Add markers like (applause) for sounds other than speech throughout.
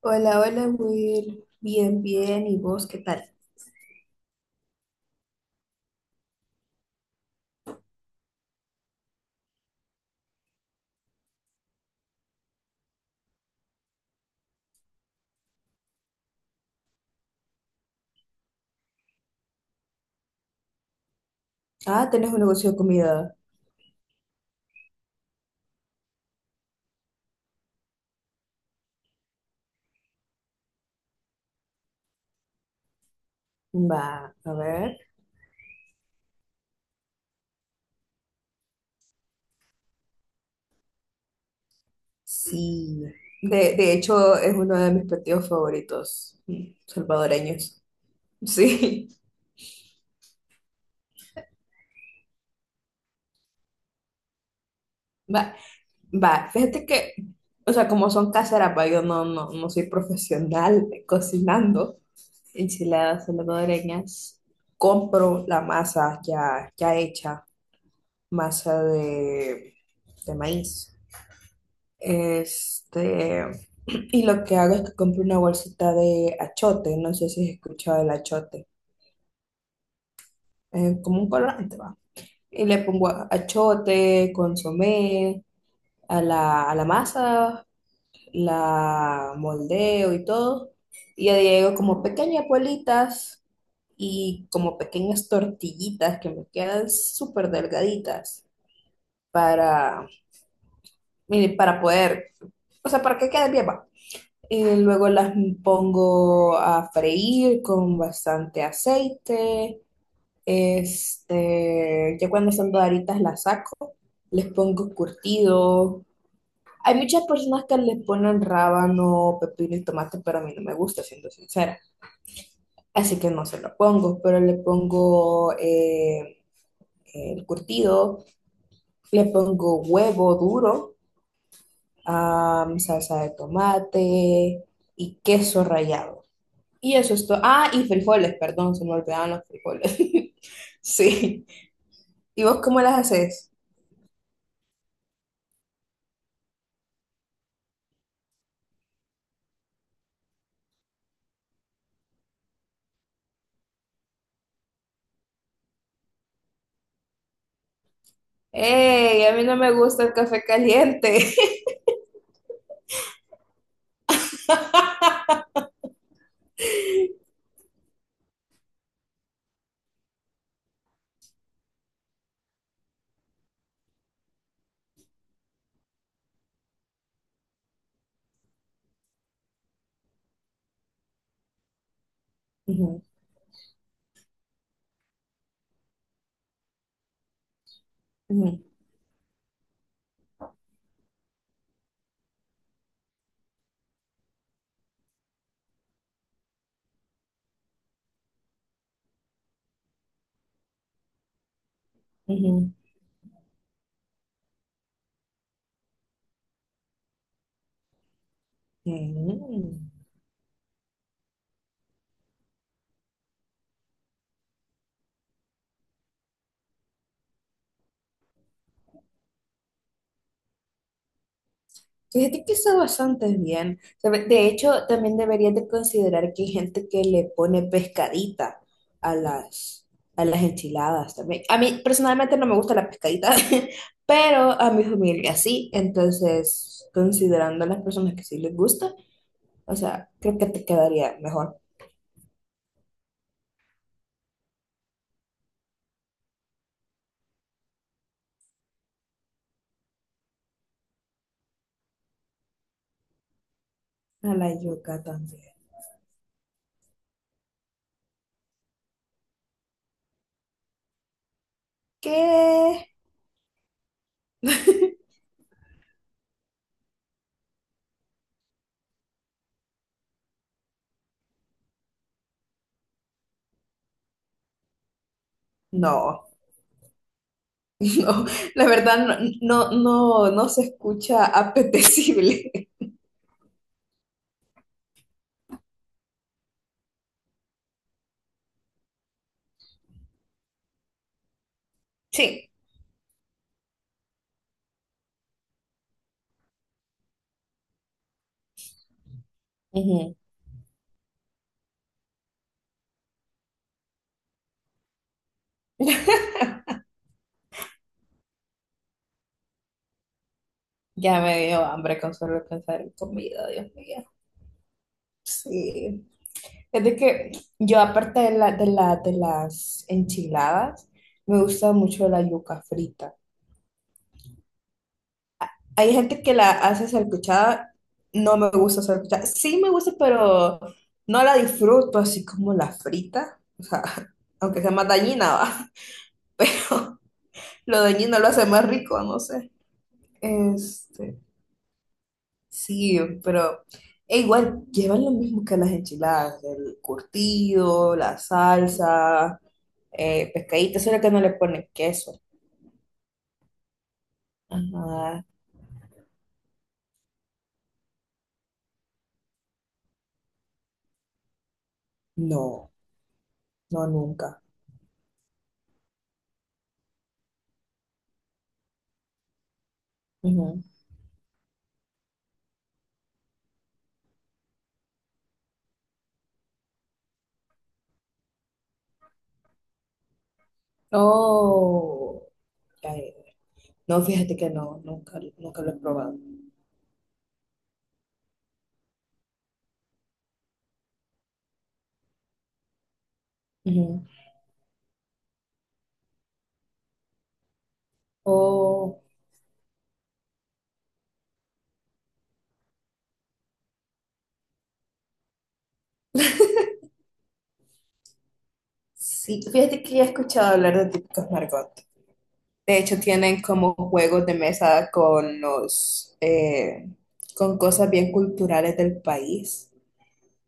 Hola, hola, Will. Bien, bien. ¿Y vos qué tal? Ah, tenés un negocio de comida. Va, a ver. Sí. De hecho, es uno de mis platillos favoritos salvadoreños. Sí. (laughs) Va, va. Fíjate que, o sea, como son caseras, va, yo no soy profesional cocinando enchiladas salvadoreñas. Compro la masa ya hecha, masa de maíz. Este. Y lo que hago es que compro una bolsita de achote, no sé si has escuchado el achote, es como un colorante, va. Y le pongo achote, consomé, a la masa, la moldeo y todo. Y ya llego como pequeñas bolitas y como pequeñas tortillitas que me quedan súper delgaditas para, mire, para poder, o sea, para que quede bien, va. Luego las pongo a freír con bastante aceite. Este, ya cuando están doraditas las saco, les pongo curtido. Hay muchas personas que les ponen rábano, pepino y tomate, pero a mí no me gusta, siendo sincera. Así que no se lo pongo, pero le pongo el curtido, le pongo huevo duro, ah, salsa de tomate y queso rallado. Y eso es todo. Ah, y frijoles, perdón, se me olvidaban los frijoles. (laughs) Sí. ¿Y vos cómo las haces? ¡Ey! A mí no me gusta el café caliente. (laughs) Ujú, ujú, ujú. Mm. Fíjate que está bastante bien. Se ve. De hecho, también deberías de considerar que hay gente que le pone pescadita a las, a las enchiladas también. A mí personalmente no me gusta la pescadita, (laughs) pero a mi familia sí. Entonces, considerando a las personas que sí les gusta, o sea, creo que te quedaría mejor. A la yuca también. ¿Qué? No, (laughs) no, la verdad no se escucha apetecible. (laughs) Sí. Ujú. (laughs) Ya me dio hambre con solo pensar en comida, Dios mío. Sí. Es de que yo, aparte de las enchiladas, me gusta mucho la yuca frita. Hay gente que la hace salcuchada, no me gusta salcuchada. Sí me gusta, pero no la disfruto así como la frita. O sea, (laughs) aunque sea más dañina, va. (laughs) Pero lo dañino lo hace más rico, no sé. Este, sí, pero e igual llevan lo mismo que las enchiladas, el curtido, la salsa, pescadito, solo que no le ponen queso. Ajá. No, no, nunca. Ujú. Oh, ay, no, fíjate que no, nunca lo he probado. Ujú. Oh, sí, fíjate que ya he escuchado hablar de típicos Margot. De hecho, tienen como juegos de mesa con con cosas bien culturales del país.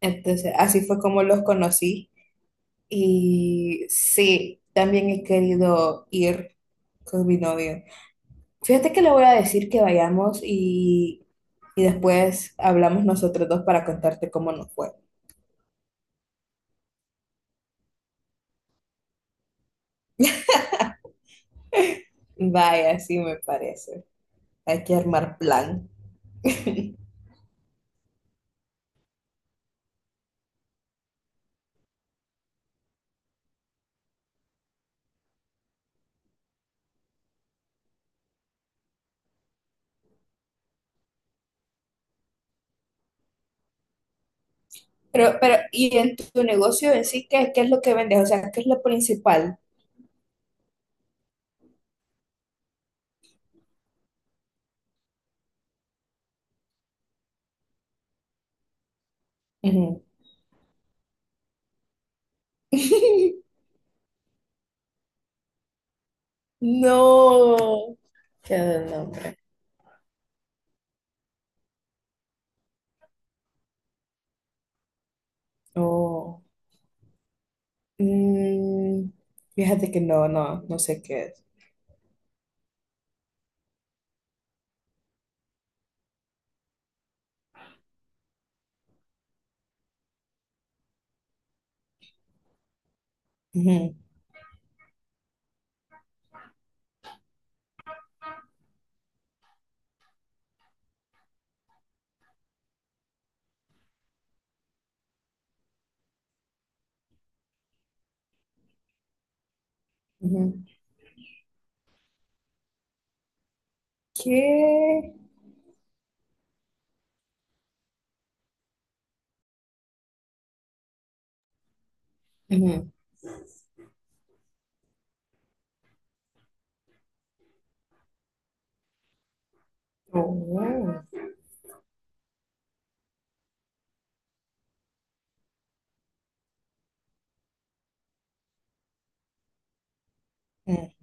Entonces, así fue como los conocí. Y sí, también he querido ir con mi novio. Fíjate que le voy a decir que y después hablamos nosotros dos para contarte cómo nos fue. Vaya, sí me parece. Hay que armar plan. (laughs) Pero ¿y en tu negocio en sí qué es lo que vendes? O sea, ¿qué es lo principal? Ujú. (laughs) No. Qué del nombre. Oh. Mm, fíjate que no, no sé qué es. Ujú, ujú. ¿Qué? Ujú. Oh, wow. Mm.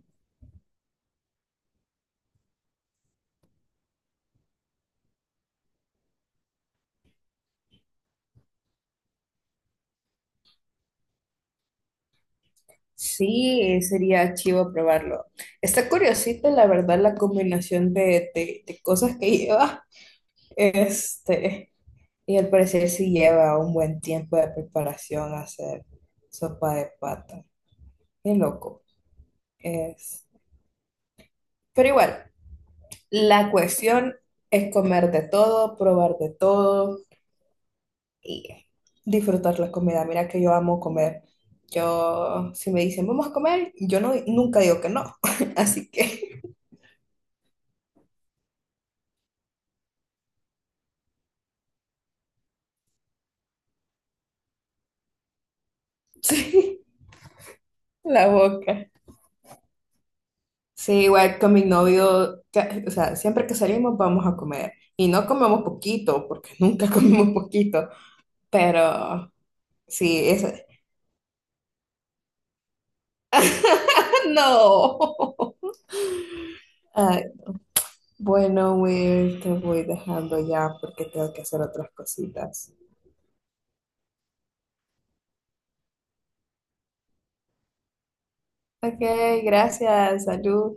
Sí, sería chivo probarlo. Está curiosita, la verdad, la combinación de cosas que (laughs) lleva. Este, y al parecer sí lleva un buen tiempo de preparación hacer sopa de pata. Qué loco. Es. Pero igual, la cuestión es comer de todo, probar de todo. Y disfrutar la comida. Mira que yo amo comer. Yo, si me dicen, vamos a comer, yo no, nunca digo que no. (laughs) Así que, (laughs) sí, la boca. Sí, igual con mi novio, o sea, siempre que salimos vamos a comer. Y no comemos poquito, porque nunca (laughs) comemos poquito. Pero, sí, es... (laughs) No. Ay, bueno, Will, te voy dejando ya porque tengo que hacer otras cositas. Ok, gracias, salud.